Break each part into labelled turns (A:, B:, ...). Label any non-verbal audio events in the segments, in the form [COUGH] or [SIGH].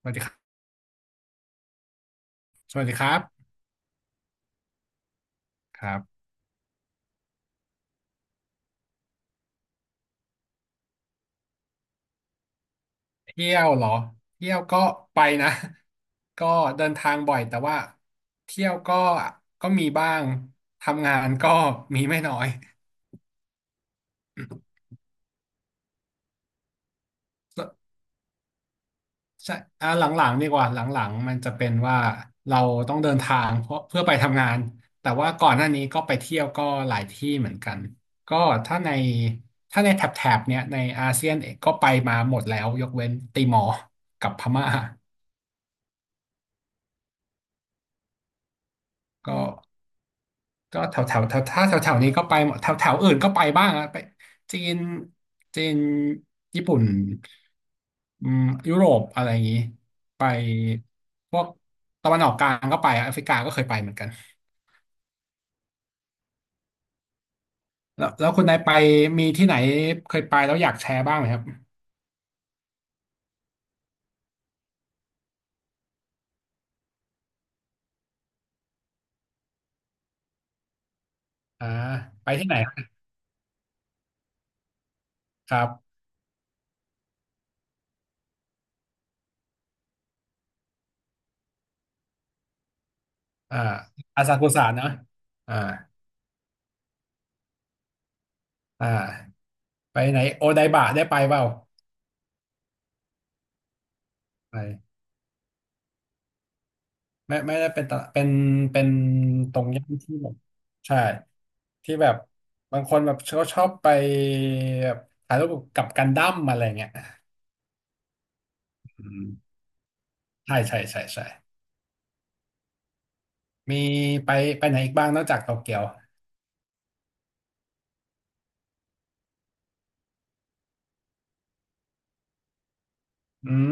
A: สวัสดีครับสวัสดีครับครับเที่ยวเหรอเที่ยวก็ไปนะ [LAUGHS] ก็เดินทางบ่อยแต่ว่าเที่ยวก็มีบ้างทำงานก็ [LAUGHS] มีไม่น้อย [LAUGHS] ก็ใช่หลังๆดีกว่าหลังๆมันจะเป็นว่าเราต้องเดินทางเพราะเพื่อไปทำงานแต่ว่าก่อนหน้านี้ก็ไปเที่ยวก็หลายที่เหมือนกันก็ถ้าในถ้าในแถบเนี้ยในอาเซียนเองก็ไปมาหมดแล้วยกเว้นติมอร์กับพม่าก็ ก็แถวแถวแถวถ้าแถวแถวนี้ก็ไปหมดแถวแถวอื่นก็ไปบ้างอะไปจีนจีนญี่ปุ่นอืมยุโรปอะไรอย่างนี้ไปพวกตะวันออกกลางก็ไปอะแอฟริกาก็เคยไปเหมือนกันแล้วคุณนายไปมีที่ไหนเคยไปแล้วอยากแชร์บ้างไหมครับอ่าไปที่ไหนครับอ่าอาซากุสะเนอะอ่าอ่าไปไหนโอไดบะได้ไปเปล่าไป ไม่ได้เป็นตลาดเป็นเป็นตรงย่านที่แบบใช่ที่แบบบางคนแบบเขาชอบไปแบบถ่ายรูปกับกันดั้มอะไรเงี้ยอืมใช่ใช่ใช่ใช่มีไปไปไหนอีกบ้างนอกจากโตเกียวอืม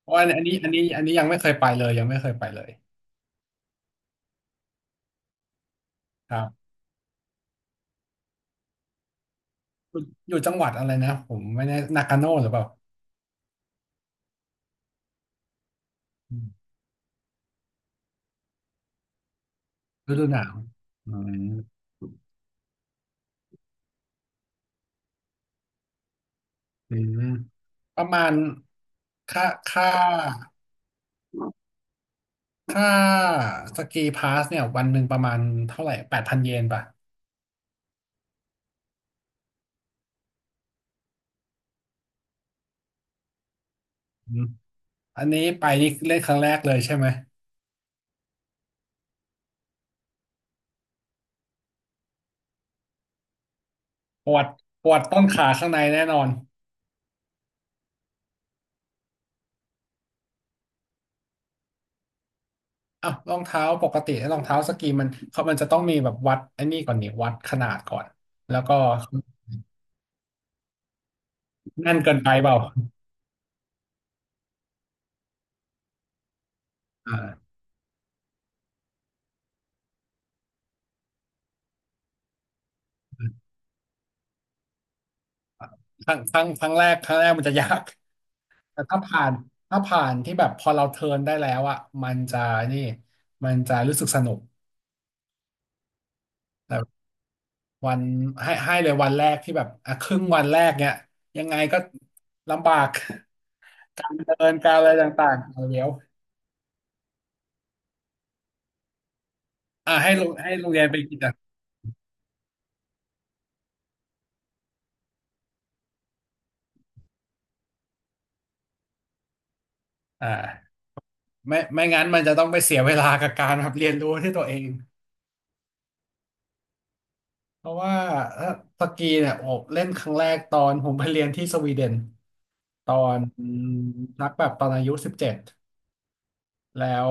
A: เพราะว่าอันนี้ยังไม่เคยไปเลยยังไม่เคยไปเลยครับอยู่อยู่จังหวัดอะไรนะผมไม่แน่นากาโน่หรือเปล่าอืมฤดูหนาวอืมอืมประมาณค่าค่า ค่าสกีพาสเนี่ยวันหนึ่งประมาณเท่าไหร่8,000 เยนป่ะอืมอันนี้ไปนี่เล่นครั้งแรกเลยใช่ไหมปวดปวดต้นขาข้างในแน่นอนอ่ะรองเท้าปกติรองเท้าสกีมันเขามันจะต้องมีแบบวัดไอ้นี่ก่อนนี่วัดขนาดก่อนแล้วก็แน่นเกินไปเปล่าอ่าครั้งครั้งครั้งแรกครั้งแรกมันจะยาก แต่ถ้าผ่านที่แบบพอเราเทิร์นได้แล้วอ่ะมันจะนี่มันจะรู้สึกสนุก วันให้เลยวันแรกที่แบบอ่ะครึ่งวันแรกเนี่ยยังไงก็ลำบาก [LAUGHS] การเดินการอะไรต่างๆเอาเดี๋ยวอ่ะให้โรงเรียนไปกินอ่ะอ่าไม่งั้นมันจะต้องไปเสียเวลากับการแบบเรียนรู้ที่ตัวเองเพราะว่าเอ่อสกีเนี่ยโอบเล่นครั้งแรกตอนผมไปเรียนที่สวีเดนตอนอืมนักแบบตอนอายุ17แล้ว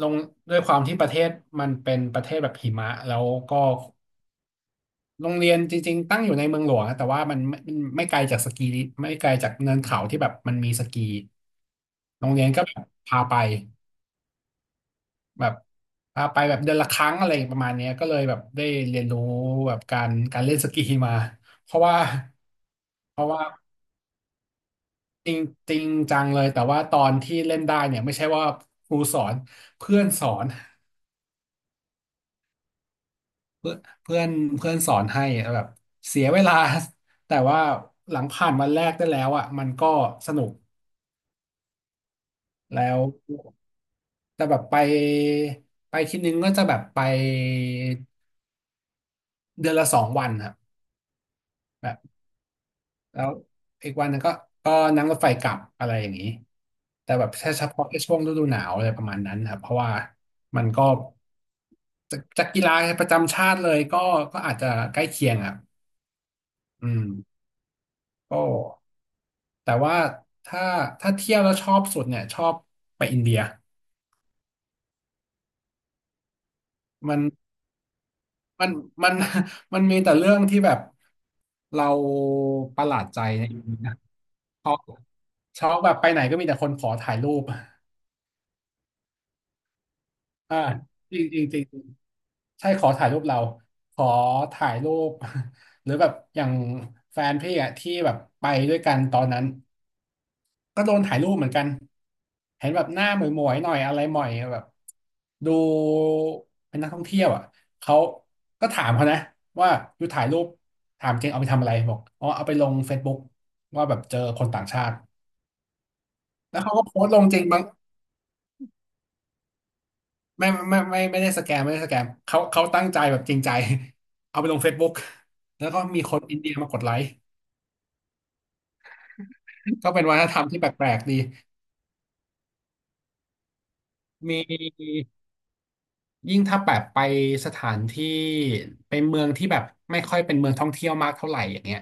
A: ลงด้วยความที่ประเทศมันเป็นประเทศแบบหิมะแล้วก็ โรงเรียนจริงๆตั้งอยู่ในเมืองหลวงนะแต่ว่ามันไม่ไกลจากสกีไม่ไกลจากเนินเขาที่แบบมันมีสกีโรงเรียนก็แบบพาไปแบบพาไปแบบเดือนละครั้งอะไรประมาณเนี้ยก็เลยแบบได้เรียนรู้แบบการเล่นสกีมาเพราะว่าเพราะว่าจริงจริงจังเลยแต่ว่าตอนที่เล่นได้เนี่ยไม่ใช่ว่าครูสอนเพื่อนสอนเพื่อนเพื่อนเพื่อนสอนให้แบบเสียเวลา [LAUGHS] แต่ว่าหลังผ่านวันแรกได้แล้วอ่ะมันก็สนุกแล้ว แต่แบบไปทีนึงก็จะแบบไปเดือนละ2 วันครับแบบแล้วอีกวันหนึงก็นั่งรถไฟกลับอะไรอย่างนี้แต่แบบแค่เฉพาะแค่ช่วงฤดูหนาวอะไรประมาณนั้นครับเพราะว่ามันก็จากกีฬาประจำชาติเลยก็ก็อาจจะใกล้เคียงอ่ะอืมก็แต่ว่าถ้าถ้าเที่ยวแล้วชอบสุดเนี่ยชอบไปอินเดียมัน มันมัน [LAUGHS] มันมีแต่เรื่องที่แบบเราประหลาดใจนะอีกนะช็อกช็อกแบบไปไหนก็มีแต่คนขอถ่ายรูป [LAUGHS] อ่าจริงจริงจริงใช่ขอถ่ายรูปเราขอถ่ายรูป [LAUGHS] หรือแบบอย่างแฟนพี่อะที่แบบไปด้วยกันตอนนั้น ก็โดนถ่ายรูปเหมือนกัน เห็นแบบหน้าหมวยๆหน่อยอะไรหม่อยแบบดูเป็นนักท่องเที่ยวอ่ะเขาก็ถามเขานะว่าอยู่ถ่ายรูปถามเก่งเอาไปทำอะไรบอกอ๋อเอาไปลง Facebook ว่าแบบเจอคนต่างชาติแล้วเขาก็โพสต์ลงจริงบางไม่ได้สแกมไม่ได้สแกมเขาเขาตั้งใจแบบจริงใจเอาไปลง Facebook แล้วก็มีคนอินเดียมากดไลค์ก็เป็นวัฒนธรรมที่แปลกๆดีมี ยิ่งถ้าแบบไปสถานที่ไปเมืองที่แบบไม่ค่อยเป็นเมืองท่องเที่ยวมากเท่าไหร่อย่างเงี้ย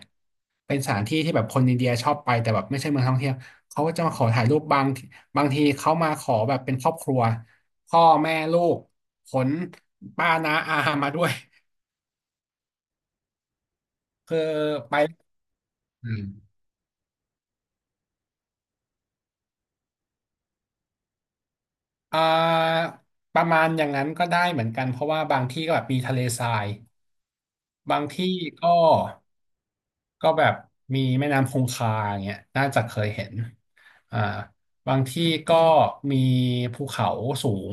A: เป็นสถานที่ที่แบบคนอินเดียชอบไปแต่แบบไม่ใช่เมืองท่องเที่ยวเขาก็จะมาขอถ่ายรูปบางทีเขามาขอแบบเป็นครอบครัวพ่อแม่ลูกขนป้าน้าอามาด้วย [LAUGHS] คือไปอืมอ่าประมาณอย่างนั้นก็ได้เหมือนกันเพราะว่าบางที่ก็แบบมีทะเลทราย บางที่ก็ก็แบบมีแม่น้ำคงคาอย่างเงี้ยน่าจะเคยเห็นอ่าบางที่ก็มีภูเขาสูง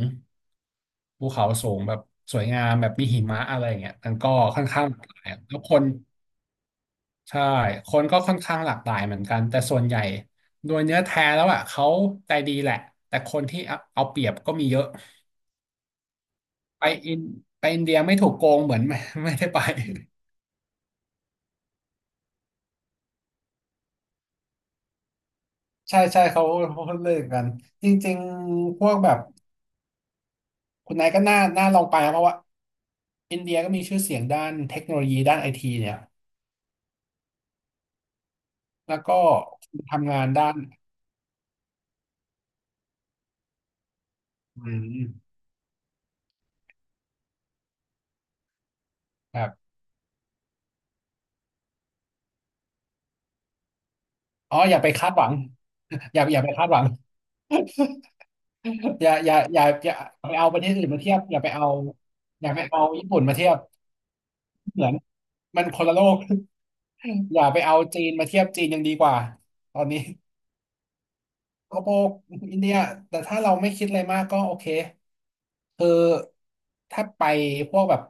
A: แบบสวยงามแบบมีหิมะอะไรอย่างเงี้ยมันก็ค่อนข้างหลากหลายแล้วคนใช่คนก็ค่อนข้างหลากหลายเหมือนกันแต่ส่วนใหญ่โดยเนื้อแท้แล้วอ่ะเขาใจดีแหละแต่คนที่เอาเปรียบก็มีเยอะไปอินไปอินเดียไม่ถูกโกงเหมือน [LAUGHS] ไม่ไม่ได้ไป ใช่ใช่เขาเขาเลิกกันจริงๆพวกแบบคุณนายก็น่าลองไปนะเพราะว่าอินเดียก็มีชื่อเสียงด้านเทคโนโลยีด้านไอทีเนี่ยแล้วก็ทำงานด้านอืมครับอ๋ออย่าไปคาดหวัง [LAUGHS] อย่าไปคาดหวัง [LAUGHS] อย่าไปเอาประเทศอื่นมาเทียบอย่าไปเอาญี่ปุ่นมาเทียบเหมือนมันคนละโลก [LAUGHS] อย่าไปเอาจีนมาเทียบจีนยังดีกว่าตอนนี้ โกระโปกอินเดียแต่ถ้าเราไม่คิดอะไรมากก็โอเคคือถ้าไปพวกแบบ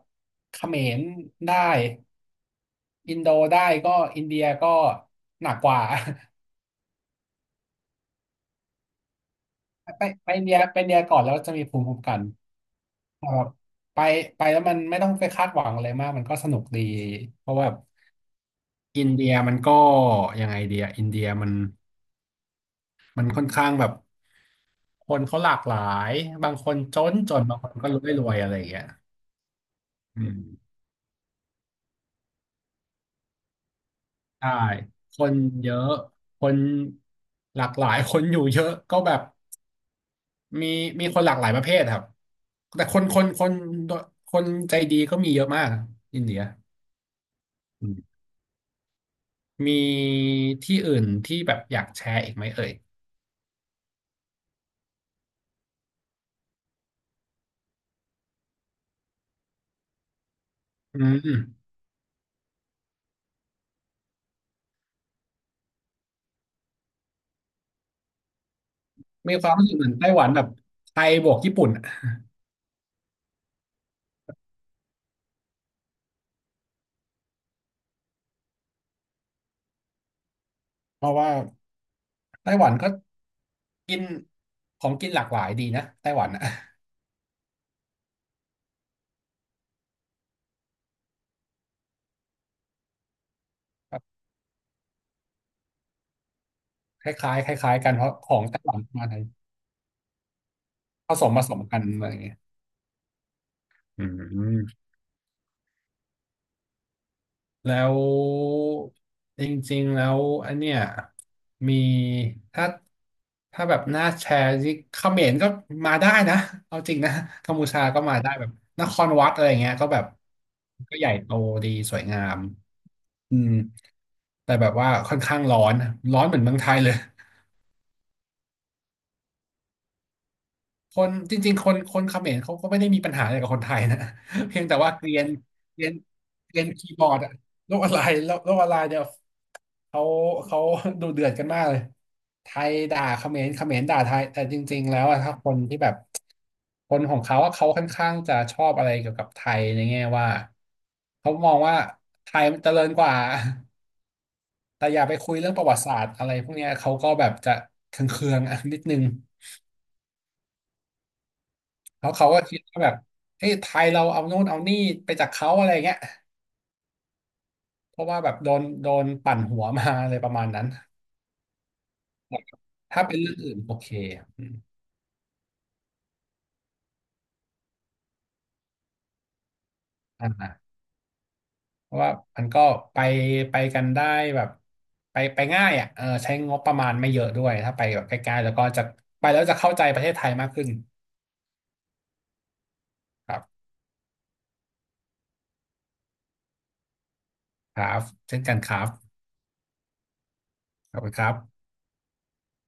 A: เขมรได้อินโดได้ก็อินเดียก็หนักกว่า [LAUGHS] ไปไปอินเดียก่อนแล้วจะมีภูมิคุ้มกันครับไปไปแล้วมันไม่ต้องไปคาดหวังอะไรมากมันก็สนุกดีเพราะว่าอินเดียมันก็ยังไงเดียอินเดียมันค่อนข้างแบบคนเขาหลากหลายบางคนจนจนบางคนก็รวยรวยอะไรอย่างเงี้ยอืม ใช่คนเยอะ คนหลากหลาย คนอยู่เยอะก็แบบมีมีคนหลากหลายประเภทครับแต่คนใจดีก็มีเยอะมากอินเดียอืมมีที่อื่นที่แบบอยากแชร์อีกไหมเอ่ยอืมมีความรู้สึกเหมือนไต้หวันแบบไทยบวกญี่ปุ่นอะเพราะว่าไต้หวันก็กินของกินหลากหลายดีนะไต้หวันอะแบบคล้ายๆคล้ายๆกันเพราะของไต้หวันมาไทยผสมกันอะไรอย่างเงี้ยอืม แล้วจริงๆแล้วอันเนี้ยมีถ้าถ้าแบบน่าแชร์ที่เขมรก็มาได้นะเอาจริงนะกัมพูชาก็มาได้แบบนครวัดอะไรเงี้ยก็แบบก็ใหญ่โตดีสวยงามอืมแต่แบบว่าค่อนข้างร้อนร้อนเหมือนเมืองไทยเลย คนจริงๆคนเขมรเขาก็ไม่ได้มีปัญหาอะไรกับคนไทยนะ [LAUGHS] เพียงแต่ว่าเกรียนเกรียนเกรียนคีย์บอร์ดอะโลกออนไลน์โลกออนไลน์เนี่ยเขาเขา [LAUGHS] ดูเดือดกันมากเลยไทยด่าเขมรเขมรด่าไทยแต่จริงๆแล้วอะถ้าคนที่แบบคนของเขาอะเขาค่อนข้างจะชอบอะไรเกี่ยวกับไทยในแง่ว่าเขามองว่าไทยมันเจริญกว่าแต่อย่าไปคุยเรื่องประวัติศาสตร์อะไรพวกเนี้ยเขาก็แบบจะเคืองๆอะนิดนึง แล้วเขาก็คิดว่าแบบเอ้ยไทยเราเอาโน่นเอานี่ไปจากเขาอะไรเงี้ยเพราะว่าแบบโดนปั่นหัวมาอะไรประมาณนั้น ถ้าเป็นเรื่องอื่นโอเคอืมอ่าเพราะว่ามันก็ไปไปกันได้แบบไปง่ายอ่ะเออใช้งบประมาณไม่เยอะด้วยถ้าไปแบบใกล้ๆแล้วก็จะไปแล้วจะเข้าใจประเทศไทยมากขึ้นครับครับเช่นกันครับขอบคุณครับ